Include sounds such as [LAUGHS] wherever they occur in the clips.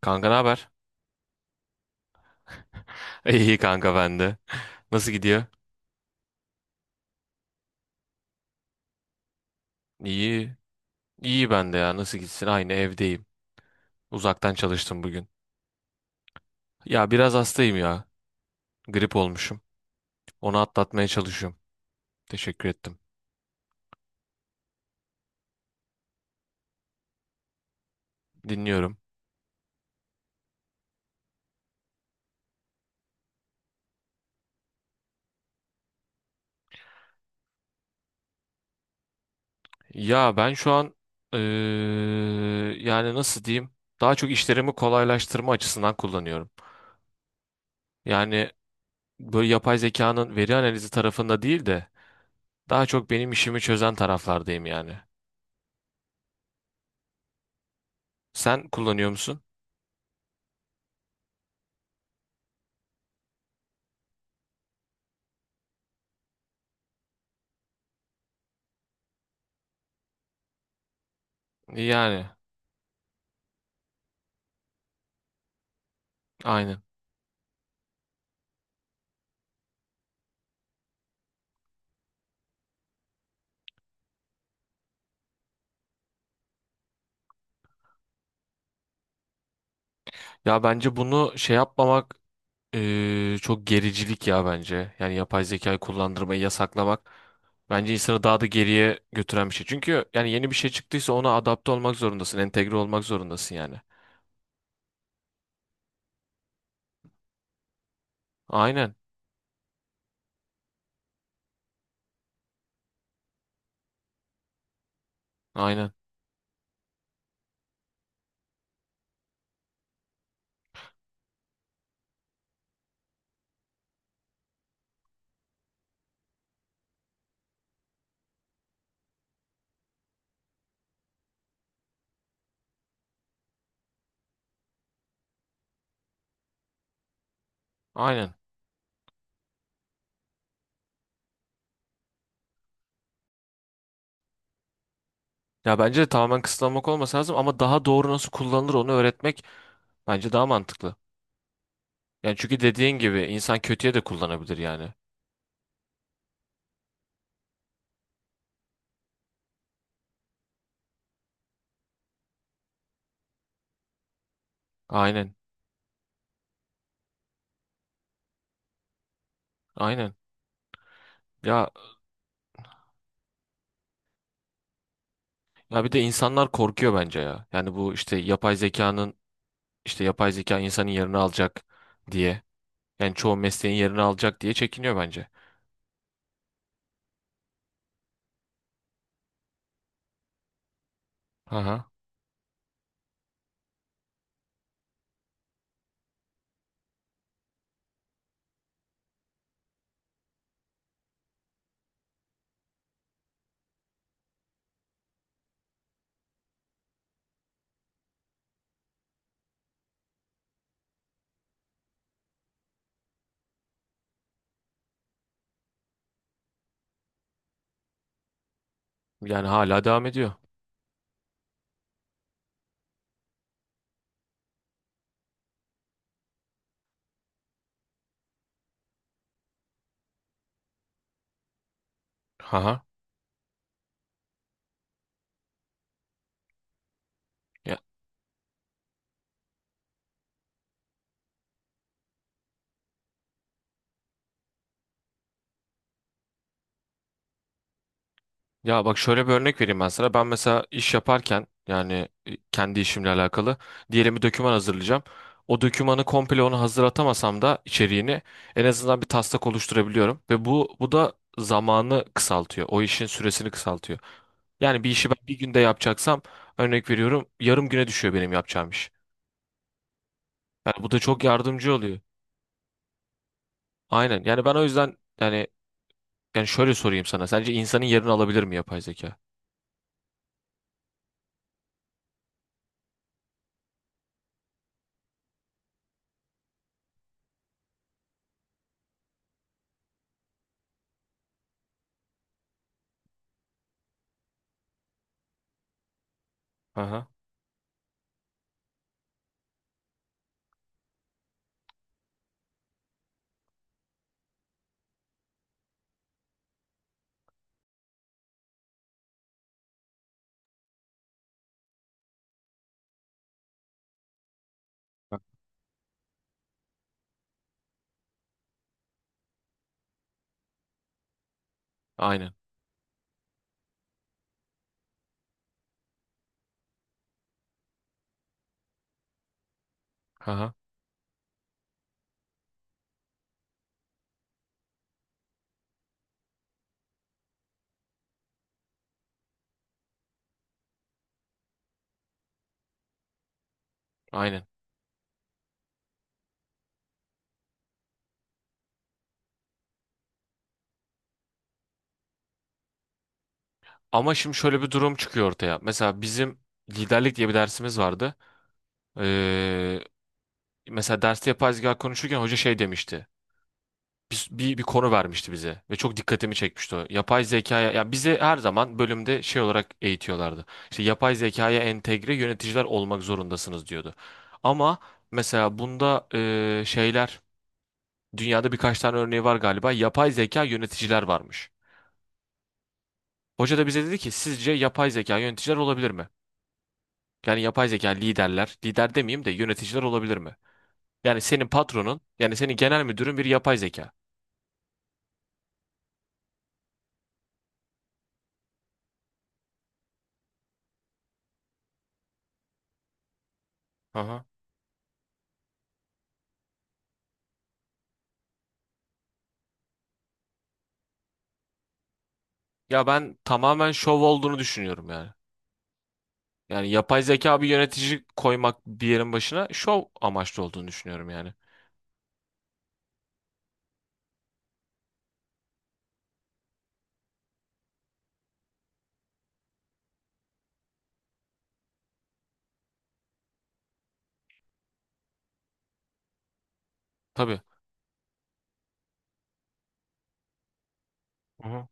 Kanka ne haber? [LAUGHS] İyi kanka ben de. Nasıl gidiyor? İyi. İyi ben de ya. Nasıl gitsin? Aynı evdeyim. Uzaktan çalıştım bugün. Ya biraz hastayım ya. Grip olmuşum. Onu atlatmaya çalışıyorum. Teşekkür ettim. Dinliyorum. Ya ben şu an eee, yani nasıl diyeyim? Daha çok işlerimi kolaylaştırma açısından kullanıyorum. Yani böyle yapay zekanın veri analizi tarafında değil de daha çok benim işimi çözen taraflardayım yani. Sen kullanıyor musun? Yani aynen. Ya bence bunu şey yapmamak çok gericilik ya bence. Yani yapay zekayı kullandırmayı yasaklamak bence insanı daha da geriye götüren bir şey. Çünkü yani yeni bir şey çıktıysa ona adapte olmak zorundasın, entegre olmak zorundasın yani. Aynen, aynen, aynen. Ya bence de tamamen kısıtlamak olması lazım ama daha doğru nasıl kullanılır onu öğretmek bence daha mantıklı. Yani çünkü dediğin gibi insan kötüye de kullanabilir yani. Aynen, aynen. Ya ya bir de insanlar korkuyor bence ya. Yani bu işte yapay zekanın İşte yapay zeka insanın yerini alacak diye. Yani çoğu mesleğin yerini alacak diye çekiniyor bence. Aha. Yani hala devam ediyor. Aha. Ya, ya bak şöyle bir örnek vereyim ben sana. Ben mesela iş yaparken yani kendi işimle alakalı diyelim bir doküman hazırlayacağım. O dokümanı komple onu hazırlatamasam da içeriğini en azından bir taslak oluşturabiliyorum ve bu da zamanı kısaltıyor. O işin süresini kısaltıyor. Yani bir işi ben bir günde yapacaksam örnek veriyorum yarım güne düşüyor benim yapacağım iş. Yani bu da çok yardımcı oluyor. Aynen. Yani ben o yüzden yani yani şöyle sorayım sana. Sence insanın yerini alabilir mi yapay zeka? Aha. Aynen. Aha. Aynen. Ama şimdi şöyle bir durum çıkıyor ortaya. Mesela bizim liderlik diye bir dersimiz vardı. Ee, Mesela derste yapay zeka konuşurken hoca şey demişti. Bir konu vermişti bize ve çok dikkatimi çekmişti o. Yapay zekaya ya bize her zaman bölümde şey olarak eğitiyorlardı. İşte yapay zekaya entegre yöneticiler olmak zorundasınız diyordu. Ama mesela bunda şeyler dünyada birkaç tane örneği var galiba. Yapay zeka yöneticiler varmış. Hoca da bize dedi ki sizce yapay zeka yöneticiler olabilir mi? Yani yapay zeka liderler, lider demeyeyim de yöneticiler olabilir mi? Yani senin patronun, yani senin genel müdürün bir yapay zeka. Aha. Ya ben tamamen şov olduğunu düşünüyorum yani. Yani yapay zeka bir yönetici koymak bir yerin başına şov amaçlı olduğunu düşünüyorum yani. Tabii. Aha.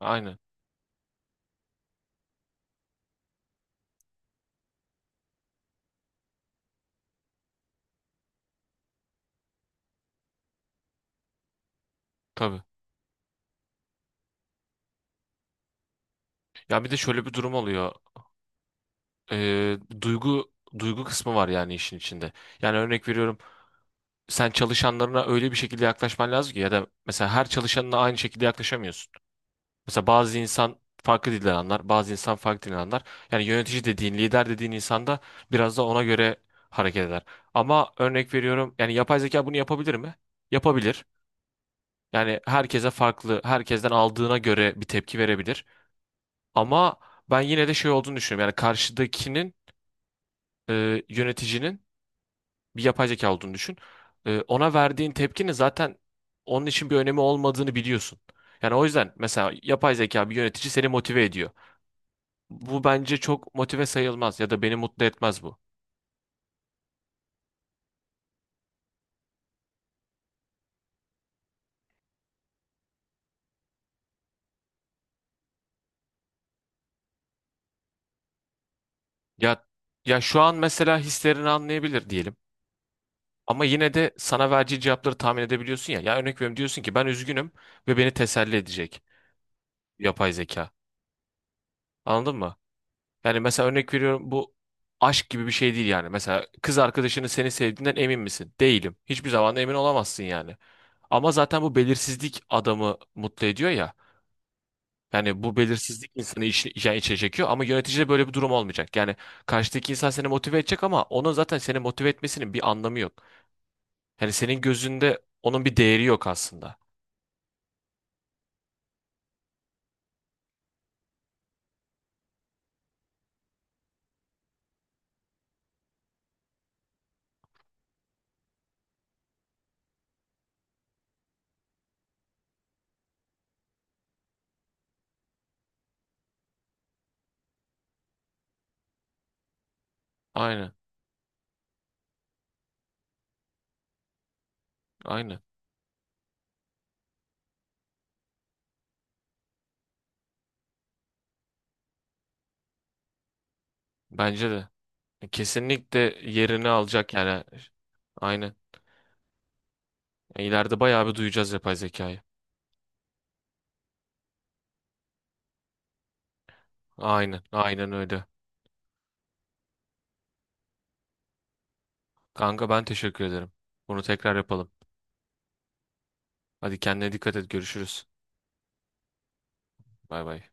Aynen. Tabii. Ya bir de şöyle bir durum oluyor. Ee, duygu duygu kısmı var yani işin içinde. Yani örnek veriyorum sen çalışanlarına öyle bir şekilde yaklaşman lazım ki ya da mesela her çalışanına aynı şekilde yaklaşamıyorsun. Mesela bazı insan farklı dilden anlar, bazı insan farklı dilden anlar. Yani yönetici dediğin, lider dediğin insan da biraz da ona göre hareket eder. Ama örnek veriyorum yani yapay zeka bunu yapabilir mi? Yapabilir. Yani herkese farklı, herkesten aldığına göre bir tepki verebilir. Ama ben yine de şey olduğunu düşünüyorum. Yani karşıdakinin yöneticinin bir yapay zeka olduğunu düşün. E, ona verdiğin tepkinin zaten onun için bir önemi olmadığını biliyorsun. Yani o yüzden mesela yapay zeka bir yönetici seni motive ediyor. Bu bence çok motive sayılmaz ya da beni mutlu etmez bu. Ya ya şu an mesela hislerini anlayabilir diyelim. Ama yine de sana vereceği cevapları tahmin edebiliyorsun ya. Ya örnek veriyorum diyorsun ki ben üzgünüm ve beni teselli edecek. Yapay zeka. Anladın mı? Yani mesela örnek veriyorum bu aşk gibi bir şey değil yani. Mesela kız arkadaşının seni sevdiğinden emin misin? Değilim. Hiçbir zaman da emin olamazsın yani. Ama zaten bu belirsizlik adamı mutlu ediyor ya. Yani bu belirsizlik insanı iç, yani içe çekiyor ama yöneticide böyle bir durum olmayacak. Yani karşıdaki insan seni motive edecek ama onun zaten seni motive etmesinin bir anlamı yok. Yani senin gözünde onun bir değeri yok aslında. Aynen, aynen. Bence de. Kesinlikle yerini alacak yani. Aynen. E, İleride bayağı bir duyacağız yapay zekayı. Aynen, aynen öyle. Kanka ben teşekkür ederim. Bunu tekrar yapalım. Hadi kendine dikkat et, görüşürüz. Bay bay.